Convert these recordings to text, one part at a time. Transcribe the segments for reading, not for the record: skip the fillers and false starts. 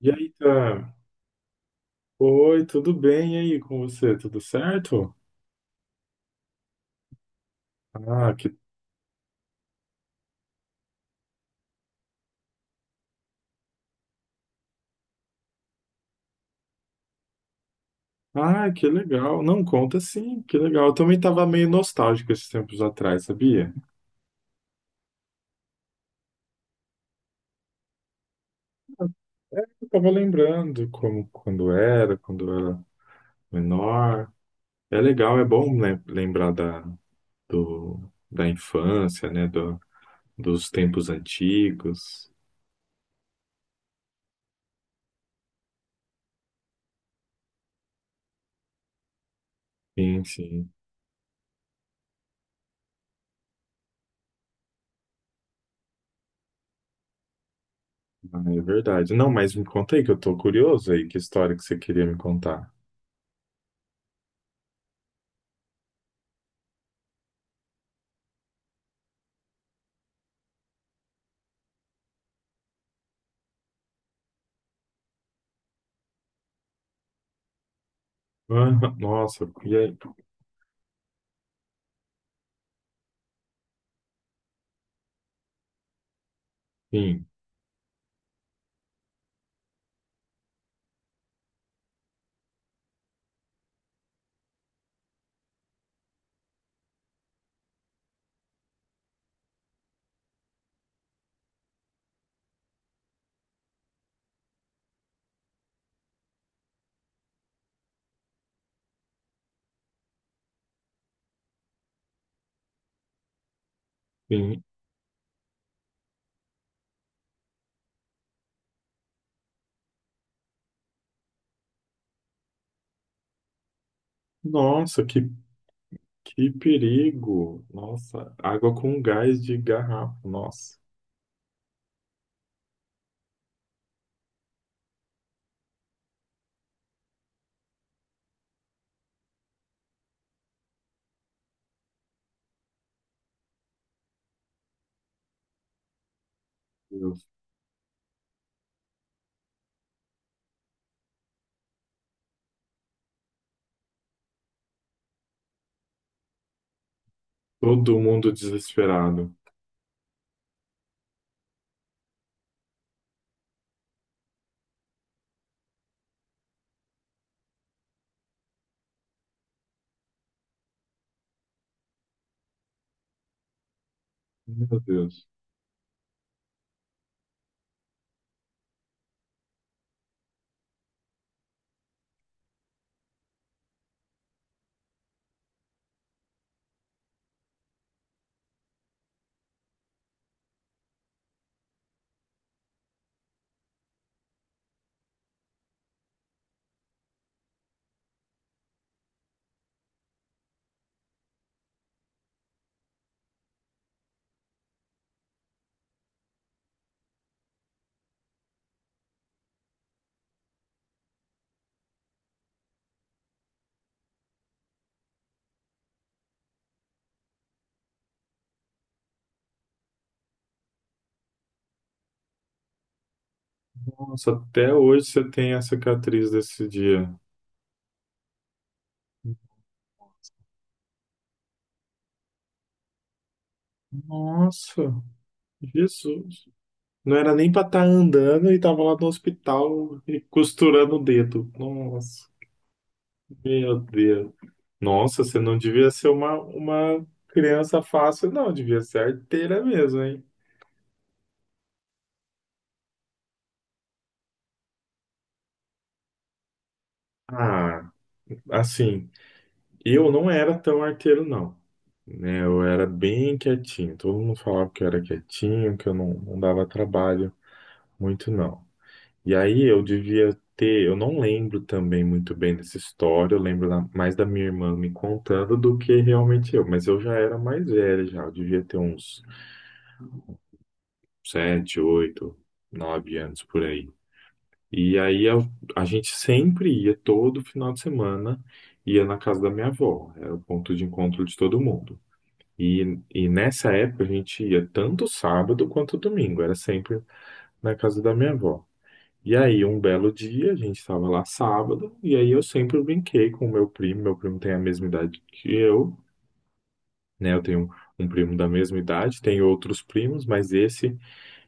E aí, tá? Oi, tudo bem? E aí, com você? Tudo certo? Ah, que, ah, que legal. Não, conta sim, que legal. Eu também estava meio nostálgico esses tempos atrás, sabia? Eu tava lembrando como quando eu era menor. É legal, é bom lembrar do, da infância, né? Dos tempos antigos. Sim, sim. Ah, é verdade. Não, mas me conta aí que eu tô curioso aí, que história que você queria me contar. Ah, nossa, e aí? Sim. Sim. Nossa, que perigo! Nossa, água com gás de garrafa. Nossa, meu Deus. Todo mundo desesperado. Meu Deus. Nossa, até hoje você tem a cicatriz desse dia. Nossa, Jesus. Não era nem pra estar andando e tava lá no hospital e costurando o dedo. Nossa, meu Deus. Nossa, você não devia ser uma criança fácil, não. Devia ser arteira mesmo, hein? Ah, assim. Eu não era tão arteiro, não. Né? Eu era bem quietinho. Todo mundo falava que eu era quietinho, que eu não dava trabalho muito, não. E aí eu devia ter. Eu não lembro também muito bem dessa história. Eu lembro mais da minha irmã me contando do que realmente eu. Mas eu já era mais velho, já. Eu devia ter uns 7, 8, 9 anos por aí. E aí a gente sempre ia, todo final de semana, ia na casa da minha avó. Era o ponto de encontro de todo mundo. E nessa época a gente ia tanto sábado quanto domingo, era sempre na casa da minha avó. E aí, um belo dia, a gente estava lá sábado, e aí eu sempre brinquei com o meu primo. Meu primo tem a mesma idade que eu, né? Eu tenho um primo da mesma idade, tenho outros primos, mas esse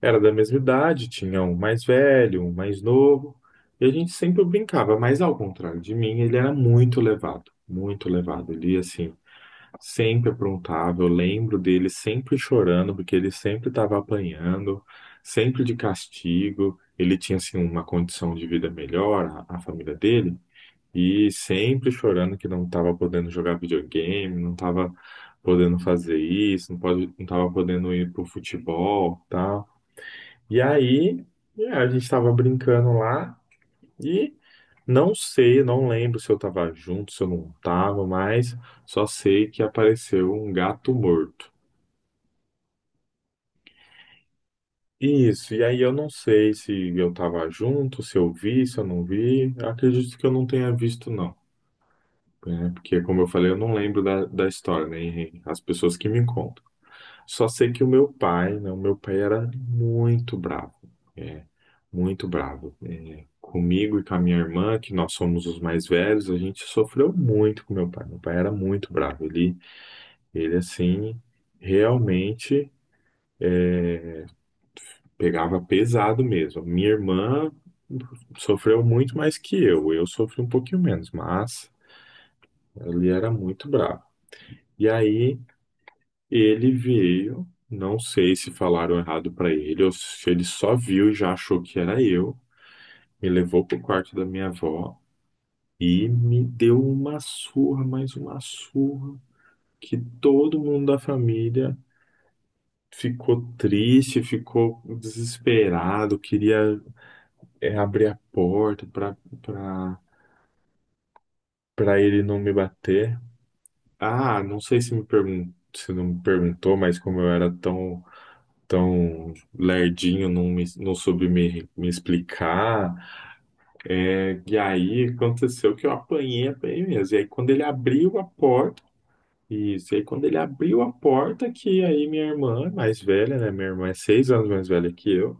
era da mesma idade, tinha um mais velho, um mais novo, e a gente sempre brincava, mas ao contrário de mim, ele era muito levado, muito levado. Ele, assim, sempre aprontava, eu lembro dele sempre chorando, porque ele sempre estava apanhando, sempre de castigo. Ele tinha assim uma condição de vida melhor, a família dele, e sempre chorando que não estava podendo jogar videogame, não estava podendo fazer isso, não pode, não estava podendo ir pro futebol, tal. E aí, a gente estava brincando lá. E não sei, não lembro se eu estava junto, se eu não estava, mas só sei que apareceu um gato morto. Isso, e aí eu não sei se eu estava junto, se eu vi, se eu não vi. Eu acredito que eu não tenha visto, não. Né? Porque, como eu falei, eu não lembro da história, nem as pessoas que me contam. Só sei que o meu pai, né? O meu pai era muito bravo, é, muito bravo. É, comigo e com a minha irmã, que nós somos os mais velhos, a gente sofreu muito com meu pai. Meu pai era muito bravo. Ele assim, realmente pegava pesado mesmo. Minha irmã sofreu muito mais que eu. Eu sofri um pouquinho menos, mas ele era muito bravo. E aí ele veio, não sei se falaram errado pra ele ou se ele só viu e já achou que era eu. Me levou pro quarto da minha avó e me deu uma surra, mais uma surra, que todo mundo da família ficou triste, ficou desesperado, queria abrir a porta pra para para ele não me bater. Ah, não sei se não me perguntou, mas como eu era tão lerdinho, não, não soube me explicar. Né? E aí aconteceu que eu apanhei, apanhei mesmo. E aí quando ele abriu a porta, isso, e aí quando ele abriu a porta, que aí minha irmã, é mais velha, né? Minha irmã é 6 anos mais velha que eu.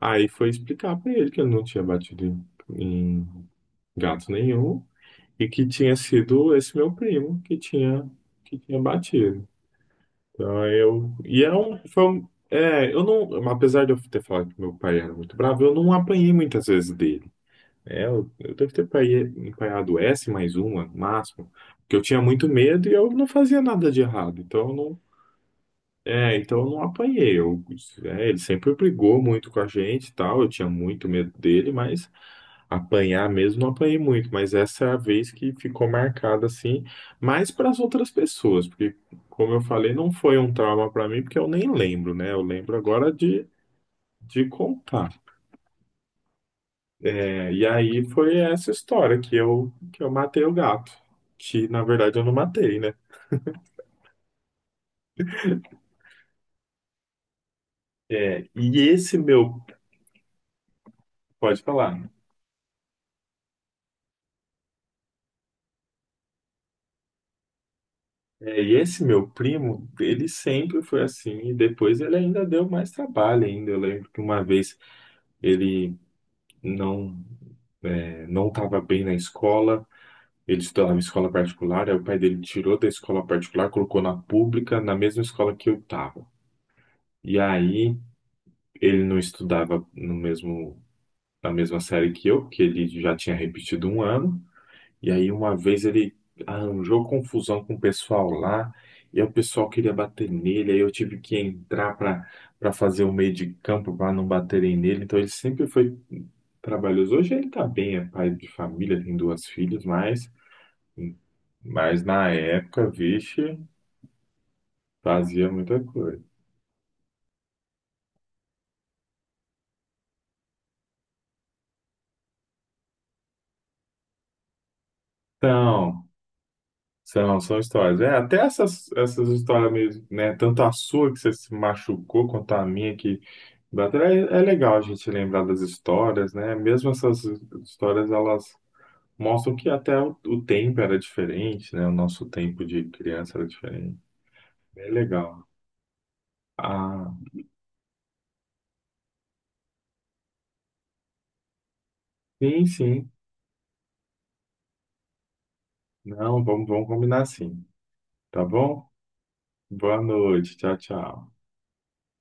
Aí foi explicar pra ele que eu não tinha batido em gato nenhum e que tinha sido esse meu primo que tinha batido. Então, eu. E é um. Foi um eu não. Apesar de eu ter falado que meu pai era muito bravo, eu não apanhei muitas vezes dele. É, eu devo ter apanhado S mais uma, no máximo. Porque eu tinha muito medo e eu não fazia nada de errado. Então, eu não. É, então eu não apanhei. Ele sempre brigou muito com a gente e tal. Eu tinha muito medo dele, mas. Apanhar mesmo não apanhei muito, mas essa é a vez que ficou marcada assim, mais para as outras pessoas, porque, como eu falei, não foi um trauma para mim, porque eu nem lembro, né? Eu lembro agora de contar. É, e aí foi essa história que que eu matei o gato, que na verdade eu não matei, né? É, e esse meu, pode falar, né? E esse meu primo, ele sempre foi assim, e depois ele ainda deu mais trabalho ainda. Eu lembro que uma vez ele não não estava bem na escola, ele estudava em escola particular, aí o pai dele tirou da escola particular, colocou na pública, na mesma escola que eu estava. E aí ele não estudava no mesmo, na mesma série que eu, porque ele já tinha repetido um ano. E aí uma vez ele arranjou confusão com o pessoal lá, e aí o pessoal queria bater nele, aí eu tive que entrar para fazer o meio de campo para não baterem nele. Então ele sempre foi trabalhoso. Hoje ele tá bem, é pai de família, tem duas filhas, mas na época, vixe, fazia muita coisa. Então, São histórias. É, até essas histórias mesmo, né? Tanto a sua que você se machucou, quanto a minha que bateu. É, é legal a gente lembrar das histórias, né? Mesmo essas histórias, elas mostram que até o tempo era diferente, né? O nosso tempo de criança era diferente. É legal. Ah, sim, sim. Não, vamos, vamos combinar sim. Tá bom? Boa noite. Tchau, tchau.